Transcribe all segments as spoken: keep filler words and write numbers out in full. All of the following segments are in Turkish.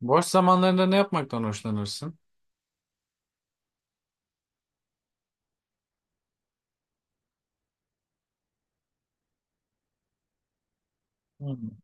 Boş zamanlarında ne yapmaktan hoşlanırsın? Hmm.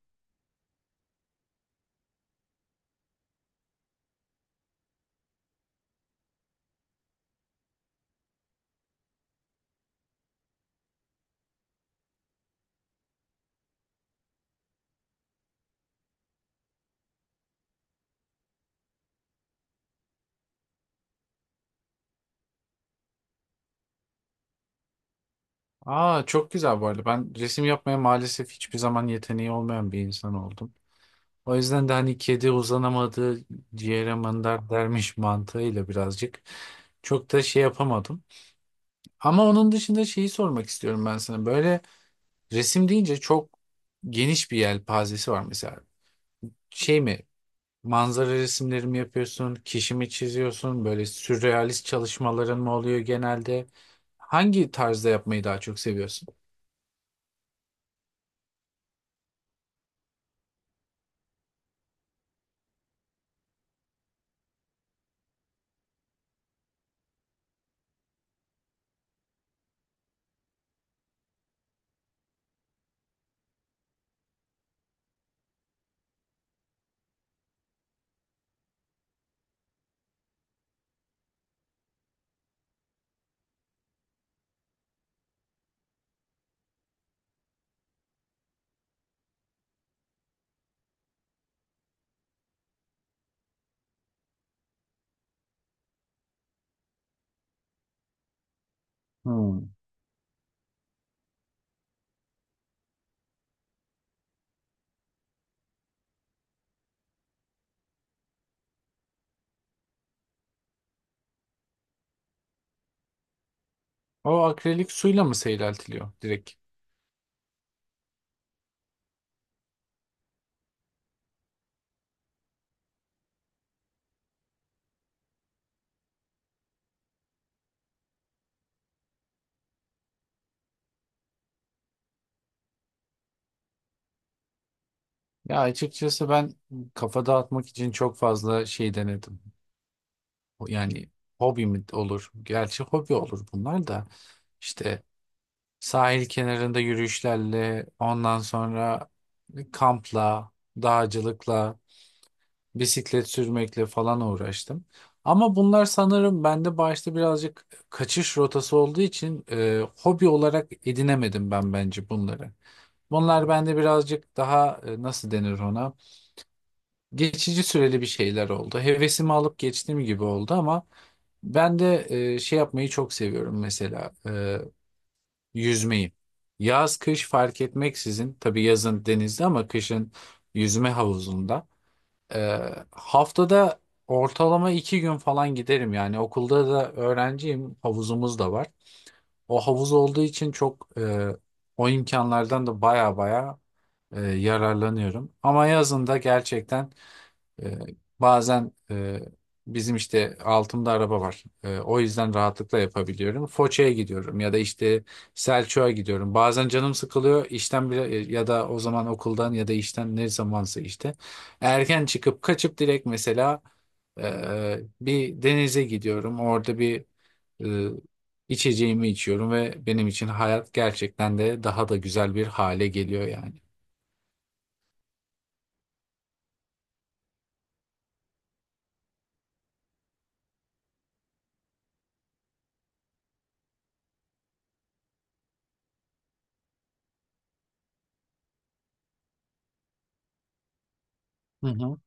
Aa, çok güzel bu arada. Ben resim yapmaya maalesef hiçbir zaman yeteneği olmayan bir insan oldum. O yüzden de hani kedi uzanamadı ciğere mandar dermiş mantığıyla birazcık çok da şey yapamadım. Ama onun dışında şeyi sormak istiyorum ben sana. Böyle resim deyince çok geniş bir yelpazesi var mesela. Şey mi, Manzara resimlerimi yapıyorsun? kişimi çiziyorsun? Böyle sürrealist çalışmaların mı oluyor genelde? Hangi tarzda yapmayı daha çok seviyorsun? Hmm. O akrilik suyla mı seyreltiliyor direkt? Ya açıkçası ben kafa dağıtmak için çok fazla şey denedim. Yani hobi mi olur? Gerçi hobi olur bunlar da. İşte sahil kenarında yürüyüşlerle, ondan sonra kampla, dağcılıkla, bisiklet sürmekle falan uğraştım. Ama bunlar sanırım bende başta birazcık kaçış rotası olduğu için e, hobi olarak edinemedim ben, bence bunları. Bunlar bende birazcık daha e, nasıl denir ona? Geçici süreli bir şeyler oldu. Hevesimi alıp geçtiğim gibi oldu ama ben de e, şey yapmayı çok seviyorum mesela, e, yüzmeyi. Yaz kış fark etmeksizin, tabii yazın denizde ama kışın yüzme havuzunda. Ee, haftada ortalama iki gün falan giderim, yani okulda da öğrenciyim, havuzumuz da var. O havuz olduğu için çok, e, o imkanlardan da baya baya e, yararlanıyorum. Ama yazında gerçekten, ee, bazen e, bizim işte altımda araba var. Ee, o yüzden rahatlıkla yapabiliyorum. Foça'ya gidiyorum ya da işte Selçuk'a gidiyorum. Bazen canım sıkılıyor işten bile, ya da o zaman okuldan ya da işten ne zamansa işte. Erken çıkıp kaçıp direkt mesela e, bir denize gidiyorum. Orada bir ee, içeceğimi içiyorum ve benim için hayat gerçekten de daha da güzel bir hale geliyor yani. Hı hı.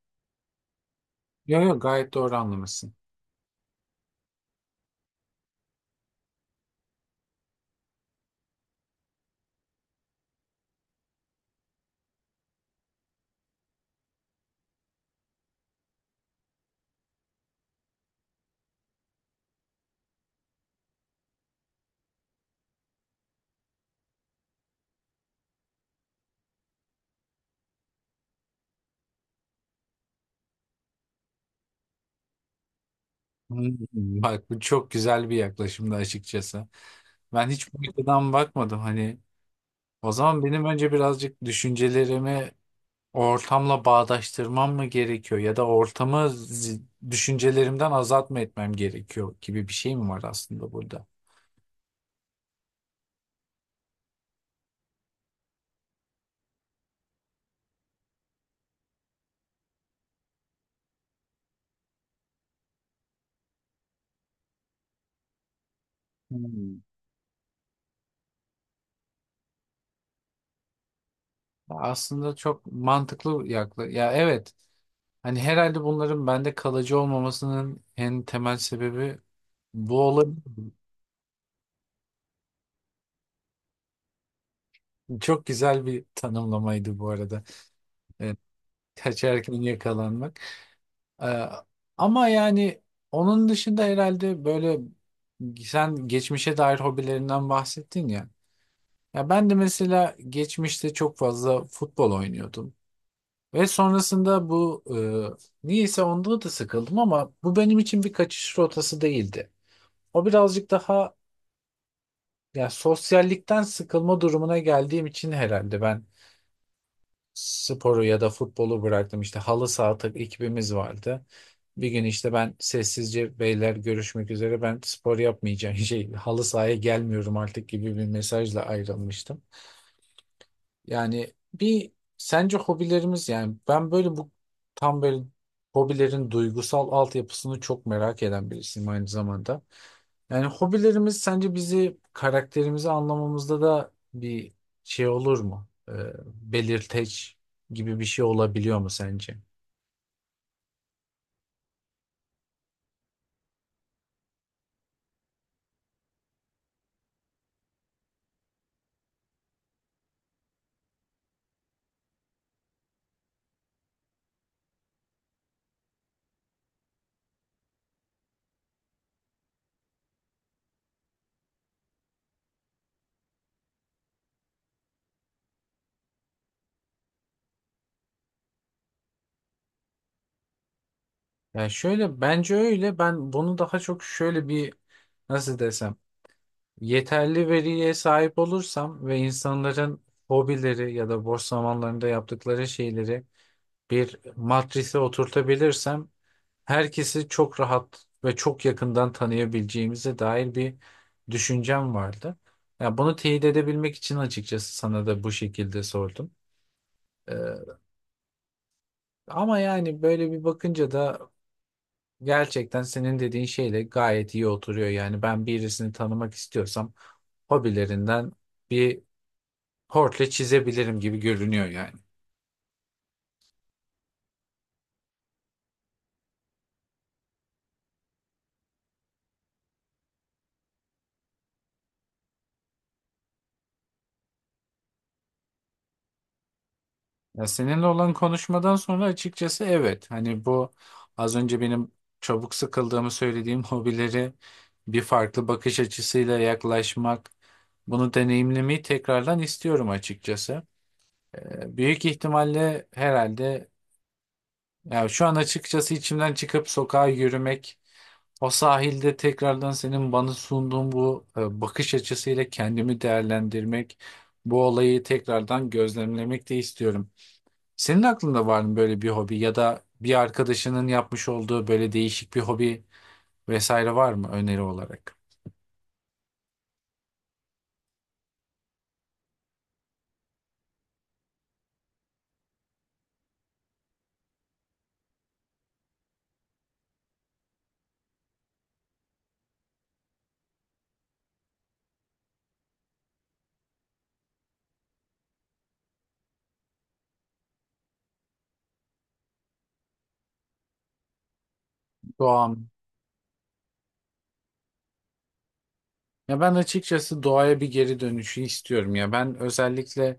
Yok, yok, gayet doğru anlamışsın. Hmm, Bak bu çok güzel bir yaklaşımdı açıkçası. Ben hiç bu açıdan bakmadım hani. O zaman benim önce birazcık düşüncelerimi Ortamla bağdaştırmam mı gerekiyor, ya da ortamı zi- düşüncelerimden azat mı etmem gerekiyor gibi bir şey mi var aslında burada? Hmm. Aslında çok mantıklı yakla ya, evet, hani herhalde bunların bende kalıcı olmamasının en temel sebebi bu olabilir. Çok güzel bir tanımlamaydı bu arada. Evet, kaçarken yakalanmak. Ee, Ama yani onun dışında herhalde böyle, sen geçmişe dair hobilerinden bahsettin ya. Ya ben de mesela geçmişte çok fazla futbol oynuyordum. Ve sonrasında bu e, niyeyse onda da sıkıldım, ama bu benim için bir kaçış rotası değildi. O birazcık daha, ya sosyallikten sıkılma durumuna geldiğim için herhalde ben sporu ya da futbolu bıraktım. İşte halı saha tak- ekibimiz vardı. Bir gün işte ben sessizce "beyler, görüşmek üzere, ben spor yapmayacağım" şey, halı sahaya gelmiyorum artık gibi bir mesajla ayrılmıştım. Yani bir, sence hobilerimiz, yani ben böyle bu, tam böyle hobilerin duygusal altyapısını çok merak eden birisiyim aynı zamanda. Yani hobilerimiz sence bizi, karakterimizi anlamamızda da bir şey olur mu? Ee, belirteç gibi bir şey olabiliyor mu sence? Yani şöyle, bence öyle. Ben bunu daha çok şöyle bir, nasıl desem, Yeterli veriye sahip olursam ve insanların hobileri ya da boş zamanlarında yaptıkları şeyleri bir matrise oturtabilirsem, herkesi çok rahat ve çok yakından tanıyabileceğimize dair bir düşüncem vardı. Ya bunu teyit edebilmek için açıkçası sana da bu şekilde sordum. Ee, Ama yani böyle bir bakınca da gerçekten senin dediğin şeyle gayet iyi oturuyor. Yani ben birisini tanımak istiyorsam, hobilerinden bir Hortle çizebilirim gibi görünüyor yani. Ya seninle olan konuşmadan sonra açıkçası evet. Hani bu, az önce benim çabuk sıkıldığımı söylediğim hobileri bir farklı bakış açısıyla yaklaşmak, bunu deneyimlemeyi tekrardan istiyorum açıkçası. Ee, Büyük ihtimalle herhalde, Ya şu an açıkçası içimden çıkıp sokağa yürümek, o sahilde tekrardan senin bana sunduğun bu e, bakış açısıyla kendimi değerlendirmek, bu olayı tekrardan gözlemlemek de istiyorum. Senin aklında var mı böyle bir hobi, ya da bir arkadaşının yapmış olduğu böyle değişik bir hobi vesaire, var mı öneri olarak? Doğam. Ya ben açıkçası doğaya bir geri dönüşü istiyorum ya. Ben özellikle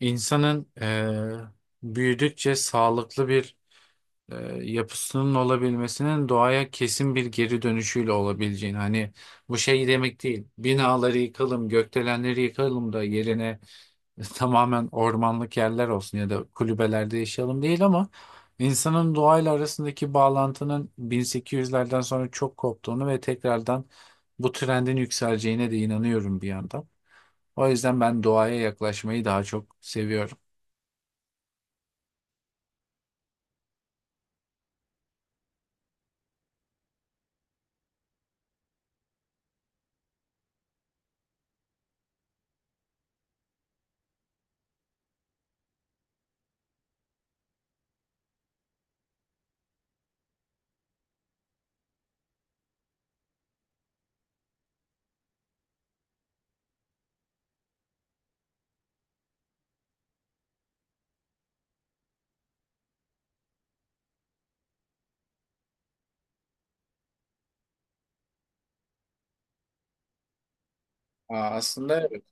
insanın, e, büyüdükçe sağlıklı bir e, yapısının olabilmesinin, doğaya kesin bir geri dönüşüyle olabileceğini, hani bu şey demek değil, binaları yıkalım gökdelenleri yıkalım da yerine tamamen ormanlık yerler olsun ya da kulübelerde yaşayalım değil, ama insanın doğayla arasındaki bağlantının bin sekiz yüzlerden sonra çok koptuğunu ve tekrardan bu trendin yükseleceğine de inanıyorum bir yandan. O yüzden ben doğaya yaklaşmayı daha çok seviyorum. Aa, aslında evet.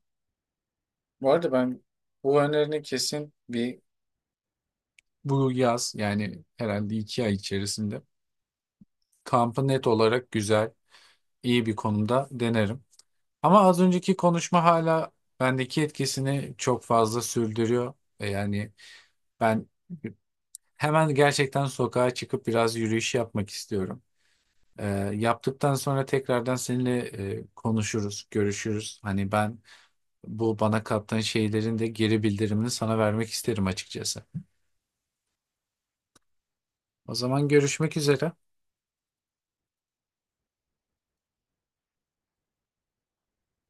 Bu arada ben bu önerini kesin bir, bu yaz, yani herhalde iki ay içerisinde, kampı net olarak güzel, iyi bir konumda denerim. Ama az önceki konuşma hala bendeki etkisini çok fazla sürdürüyor. E Yani ben hemen gerçekten sokağa çıkıp biraz yürüyüş yapmak istiyorum. E, Yaptıktan sonra tekrardan seninle e, konuşuruz, görüşürüz. Hani ben bu bana kattığın şeylerin de geri bildirimini sana vermek isterim açıkçası. O zaman görüşmek üzere.